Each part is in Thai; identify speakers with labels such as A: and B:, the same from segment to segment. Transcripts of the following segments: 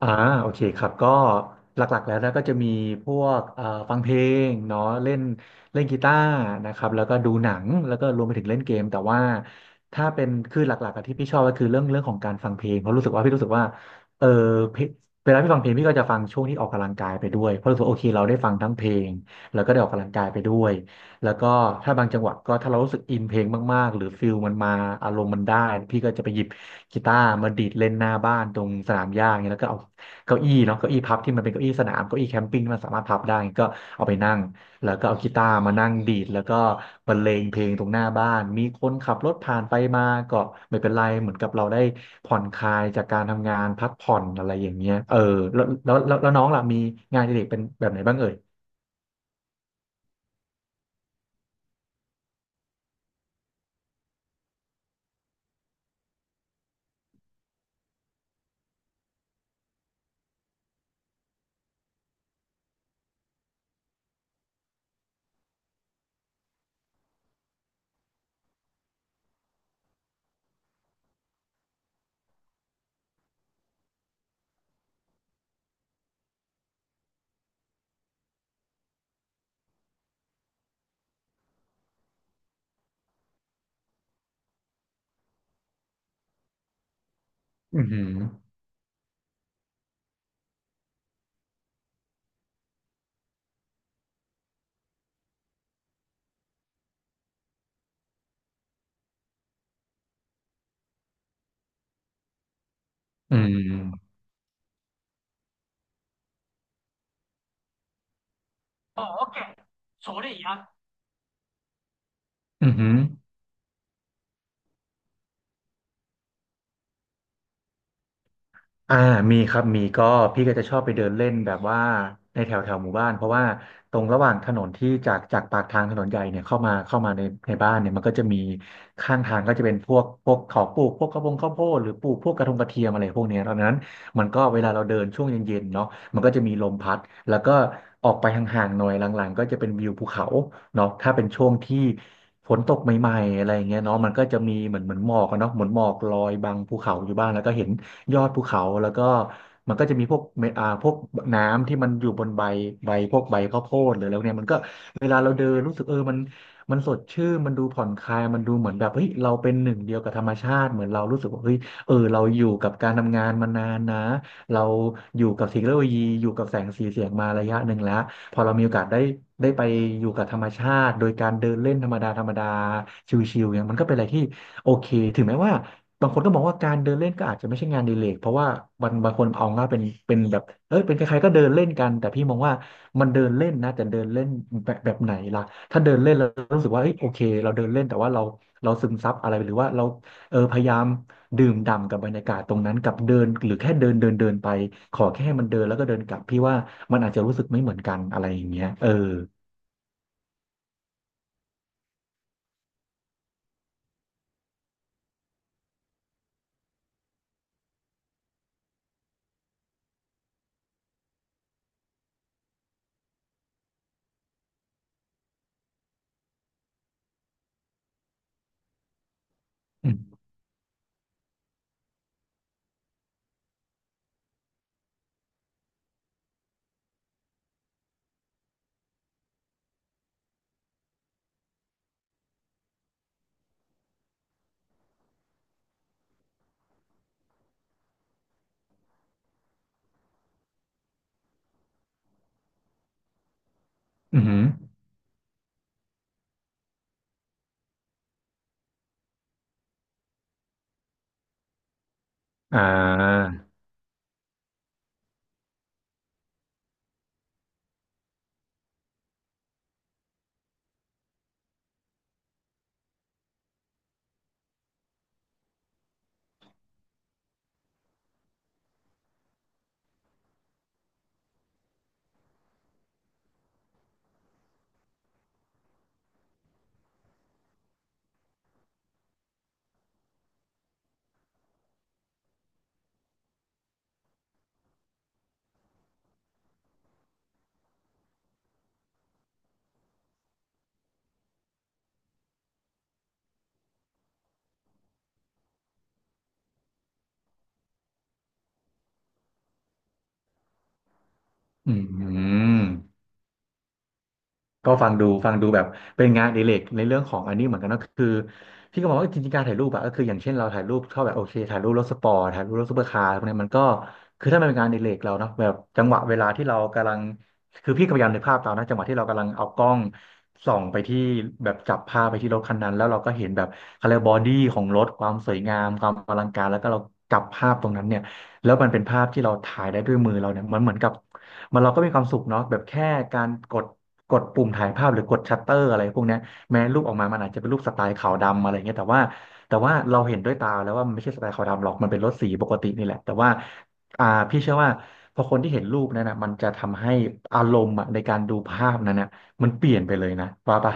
A: อ่าโอเคครับก็หลักๆแล้วนะก็จะมีพวกฟังเพลงเนาะเล่นเล่นกีตาร์นะครับแล้วก็ดูหนังแล้วก็รวมไปถึงเล่นเกมแต่ว่าถ้าเป็นคือหลักๆอะที่พี่ชอบก็คือเรื่องของการฟังเพลงเพราะรู้สึกว่าพี่รู้สึกว่าเออเพลงเวลาพี่ฟังเพลงพี่ก็จะฟังช่วงที่ออกกำลังกายไปด้วยเพราะรู้สึกว่าโอเคเราได้ฟังทั้งเพลงแล้วก็ได้ออกกำลังกายไปด้วยแล้วก็ถ้าบางจังหวะก็ถ้าเรารู้สึกอินเพลงมากๆหรือฟิลมันมาอารมณ์มันได้พี่ก็จะไปหยิบกีตาร์มาดีดเล่นหน้าบ้านตรงสนามหญ้าอย่างเงี้ยแล้วก็เอา เก้าอี้เนาะเก้าอี้พับที่มันเป็นเก้าอี้สนามเก้าอี้แคมปิ้งที่มันสามารถพับได้ก็เอาไปนั่งแล้วก็เอากีตาร์มานั่งดีดแล้วก็บรรเลงเพลงตรงหน้าบ้านมีคนขับรถผ่านไปมาก็ไม่เป็นไรเหมือนกับเราได้ผ่อนคลายจากการทำงานพักผ่อนอะไรอย่างเงี้ยเออแล้วน้องล่ะมีงานอดิเรกเป็นแบบไหนบ้างเอ่ยอืมอหืออืม어어깨소리야อือหือ อ่ามีครับมีก็พี่ก็จะชอบไปเดินเล่นแบบว่าในแถวแถวหมู่บ้านเพราะว่าตรงระหว่างถนนที่จากปากทางถนนใหญ่เนี่ยเข้ามาในในบ้านเนี่ยมันก็จะมีข้างทางก็จะเป็นพวกเขาปลูกพวกกระบงข้าวโพดหรือปลูกพวกกระทงกระเทียมอะไรพวกเนี้ยดังนั้น มันก็เวลาเราเดินช่วงเย็นๆเนาะมันก็จะมีลมพัดแล้วก็ออกไปห่างๆหน่อยหลังๆก็จะเป็นวิวภูเขาเนาะถ้าเป็นช่วงที่ฝนตกใหม่ๆอะไรอย่างเงี้ยเนาะมันก็จะมีเหมือนหมอกอะเนาะเหมือนหมอกลอยบังภูเขาอยู่บ้างแล้วก็เห็นยอดภูเขาแล้วก็มันก็จะมีพวกเมพวกน้ำที่มันอยู่บนใบพวกใบข้าวโพดหรือแล้วเนี่ยมันก็เวลาเราเดินรู้สึกเออมันสดชื่นมันดูผ่อนคลายมันดูเหมือนแบบเฮ้ยเราเป็นหนึ่งเดียวกับธรรมชาติเหมือนเรารู้สึกว่าเฮ้ย เออเราอยู่กับการทำงานมานานนะเราอยู่กับเทคโนโลยีอยู่กับแสงสีเสียงมาระยะหนึ่งแล้วพอเรามีโอกาสได้ได้ไปอยู่กับธรรมชาติโดยการเดินเล่นธรรมดาธรรมดาชิลๆเนี่ยมันก็เป็นอะไรที่โอเคถึงแม้ว่าบางคนก็มองว่าการเดินเล่นก็อาจจะไม่ใช่งานอดีเลกเพราะว่าบางคนเอาง่ายเป็นเป็นแบบเอ้ยเป็นใครๆก็เดินเล่นกันแต่พี่มองว่ามันเดินเล่นนะแต่เดินเล่นแบบไหนล่ะถ้าเดินเล่นแล้วรู้สึกว่าเอ้ยโอเคเราเดินเล่นแต่ว่าเราซึมซับอะไรหรือว่าเราเออพยายาม ดื่มด่ำกับบรรยากาศตรงนั้นกับเดินหรือแค่เดินเดินเดินไปขอแค่มันเดินแล้วก็เดินกลับพี่ว่ามันอาจจะรู้สึกไม่เหมือนกันอะไรอย่างเงี้ยเอออืมอมอหืออ่าอืม ก็ฟังดูแบบเป็นงานอดิเรกในเรื่องของอันนี้เหมือนกันนะคือพี่ก็มองว่าจริงๆการถ่ายรูปอะก็คืออย่างเช่นเราถ่ายรูปชอบแบบโอเคถ่ายรูปรถสปอร์ตถ่ายรูปรถซูเปอร์คาร์พวกเนี้ยมันก็คือถ้ามันเป็นงานอดิเรกเราเนาะแบบจังหวะเวลาที่เรากำลังคือพี่ก็พยายามนึกภาพตามนะจังหวะที่เรากำลังเอากล้องส่องไปที่แบบจับภาพไปที่รถคันนั้นแล้วเราก็เห็นแบบเขาเรียกบอดี้ของรถความสวยงามความอลังการแล้วก็เราจับภาพตรงนั้นเนี่ยแล้วมันเป็นภาพที่เราถ่ายได้ด้วยมือเราเนี่ยมันเหมือนกับ มันเราก็มีความสุขเนาะแบบแค่การกดปุ่มถ่ายภาพหรือกดชัตเตอร์อะไรพวกเนี้ยแม้รูปออกมามันอาจจะเป็นรูปสไตล์ขาวดำอะไรเงี้ยแต่ว่าเราเห็นด้วยตาแล้วว่ามันไม่ใช่สไตล์ขาวดำหรอกมันเป็นรถสีปกตินี่แหละแต่ว่าอ่าพี่เชื่อว่าพอคนที่เห็นรูปนั้นนะมันจะทำให้อารมณ์อะในการดูภาพนั้นนะมันเปลี่ยนไปเลยนะว่าปะ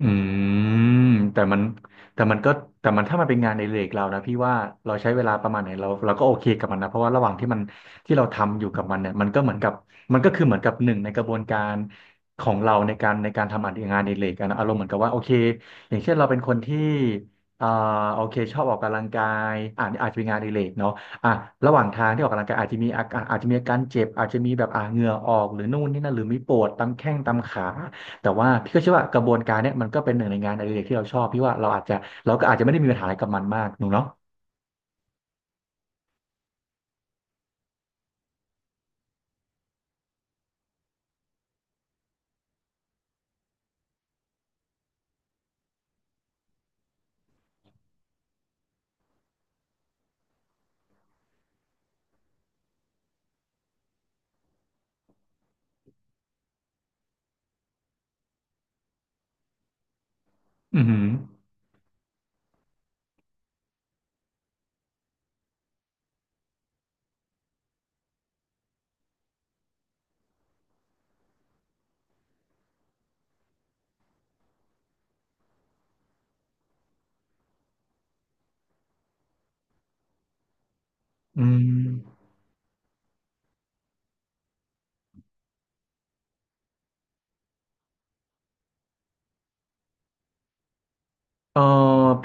A: อืมแต่มันแต่มันก็แต่มันถ้ามันเป็นงานในเรกเรานะพี่ว่าเราใช้เวลาประมาณไหนเราก็โอเคกับมันนะเพราะว่าระหว่างที่มันที่เราทำอยู่กับมันเนี่ยมันก็เหมือนกับมันก็คือเหมือนกับหนึ่งในกระบวนการของเราในการทำงานในเรกอะนะอารมณ์เหมือนกับว่าโอเคอย่างเช่นเราเป็นคนที่อ่าโอเคชอบออกกำลังกายอาจจะเป็นงานในเรกเนาะอ่ะระหว่างทางที่ออกกำลังกายอาจจะมีอาการเจ็บอาจจะมีแบบเหงื่อออกหรือนู่นนี่นั่นหรือมีปวดตามแข้งตามขา แต่ว่าพี่ก็เชื่อว่ากระบวนการเนี้ยมันก็เป็นหนึ่งในงานอดิเรกที่เราชอบพี่ว่าเราก็อาจจะไม่ได้มีปัญหาอะไรกับมันมากหนูเนาะอือหืออืม เออ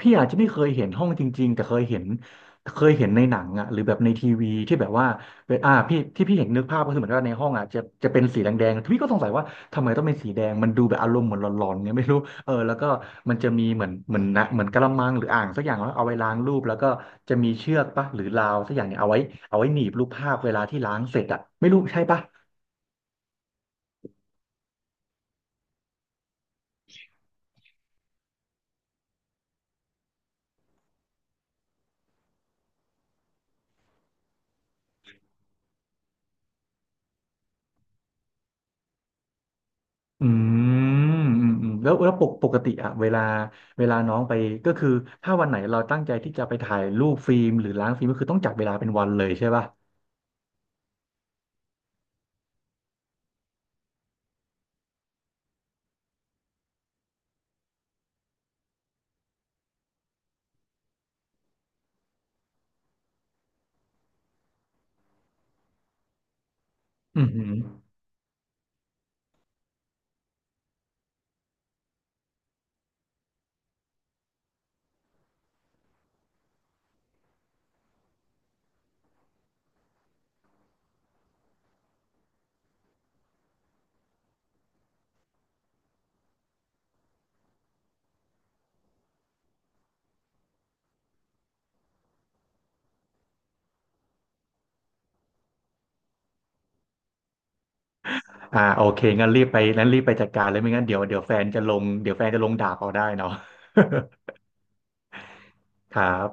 A: พี่อาจจะไม่เคยเห็นห้องจริงๆแต่เคยเห็นในหนังอ่ะหรือแบบในทีวีที่แบบว่าเป็นพี่ที่พี่เห็นนึกภาพก็คือเหมือนว่าในห้องอ่ะจะเป็นสีแดงๆพี่ก็สงสัยว่าทำไมต้องเป็นสีแดงมันดูแบบอารมณ์เหมือนหลอนๆไงไม่รู้เออแล้วก็มันจะมีเหมือนเหมือนกะละมังหรืออ่างสักอย่างแล้วเอาไว้ล้างรูปแล้วก็จะมีเชือกปะหรือราวสักอย่างเนี่ยเอาไว้หนีบรูปภาพเวลาที่ล้างเสร็จอ่ะไม่รู้ใช่ปะ อืมอืมแล้วปกติอะเวลาเวลาน้องไปก็คือถ้าวันไหนเราตั้งใจที่จะไปถ่ายรูปฟิล์มหรือล้างฟิล์มก็คือต้องจัดเวลาเป็นวันเลยใช่ป่ะอืมอหืออ่าโอเคงั้นรีบไปจัดการเลยไม่งั้นเดี๋ยวแฟนจะลงเดี๋ยวแฟนจะลงด่าเอาได้เนาะ ครับ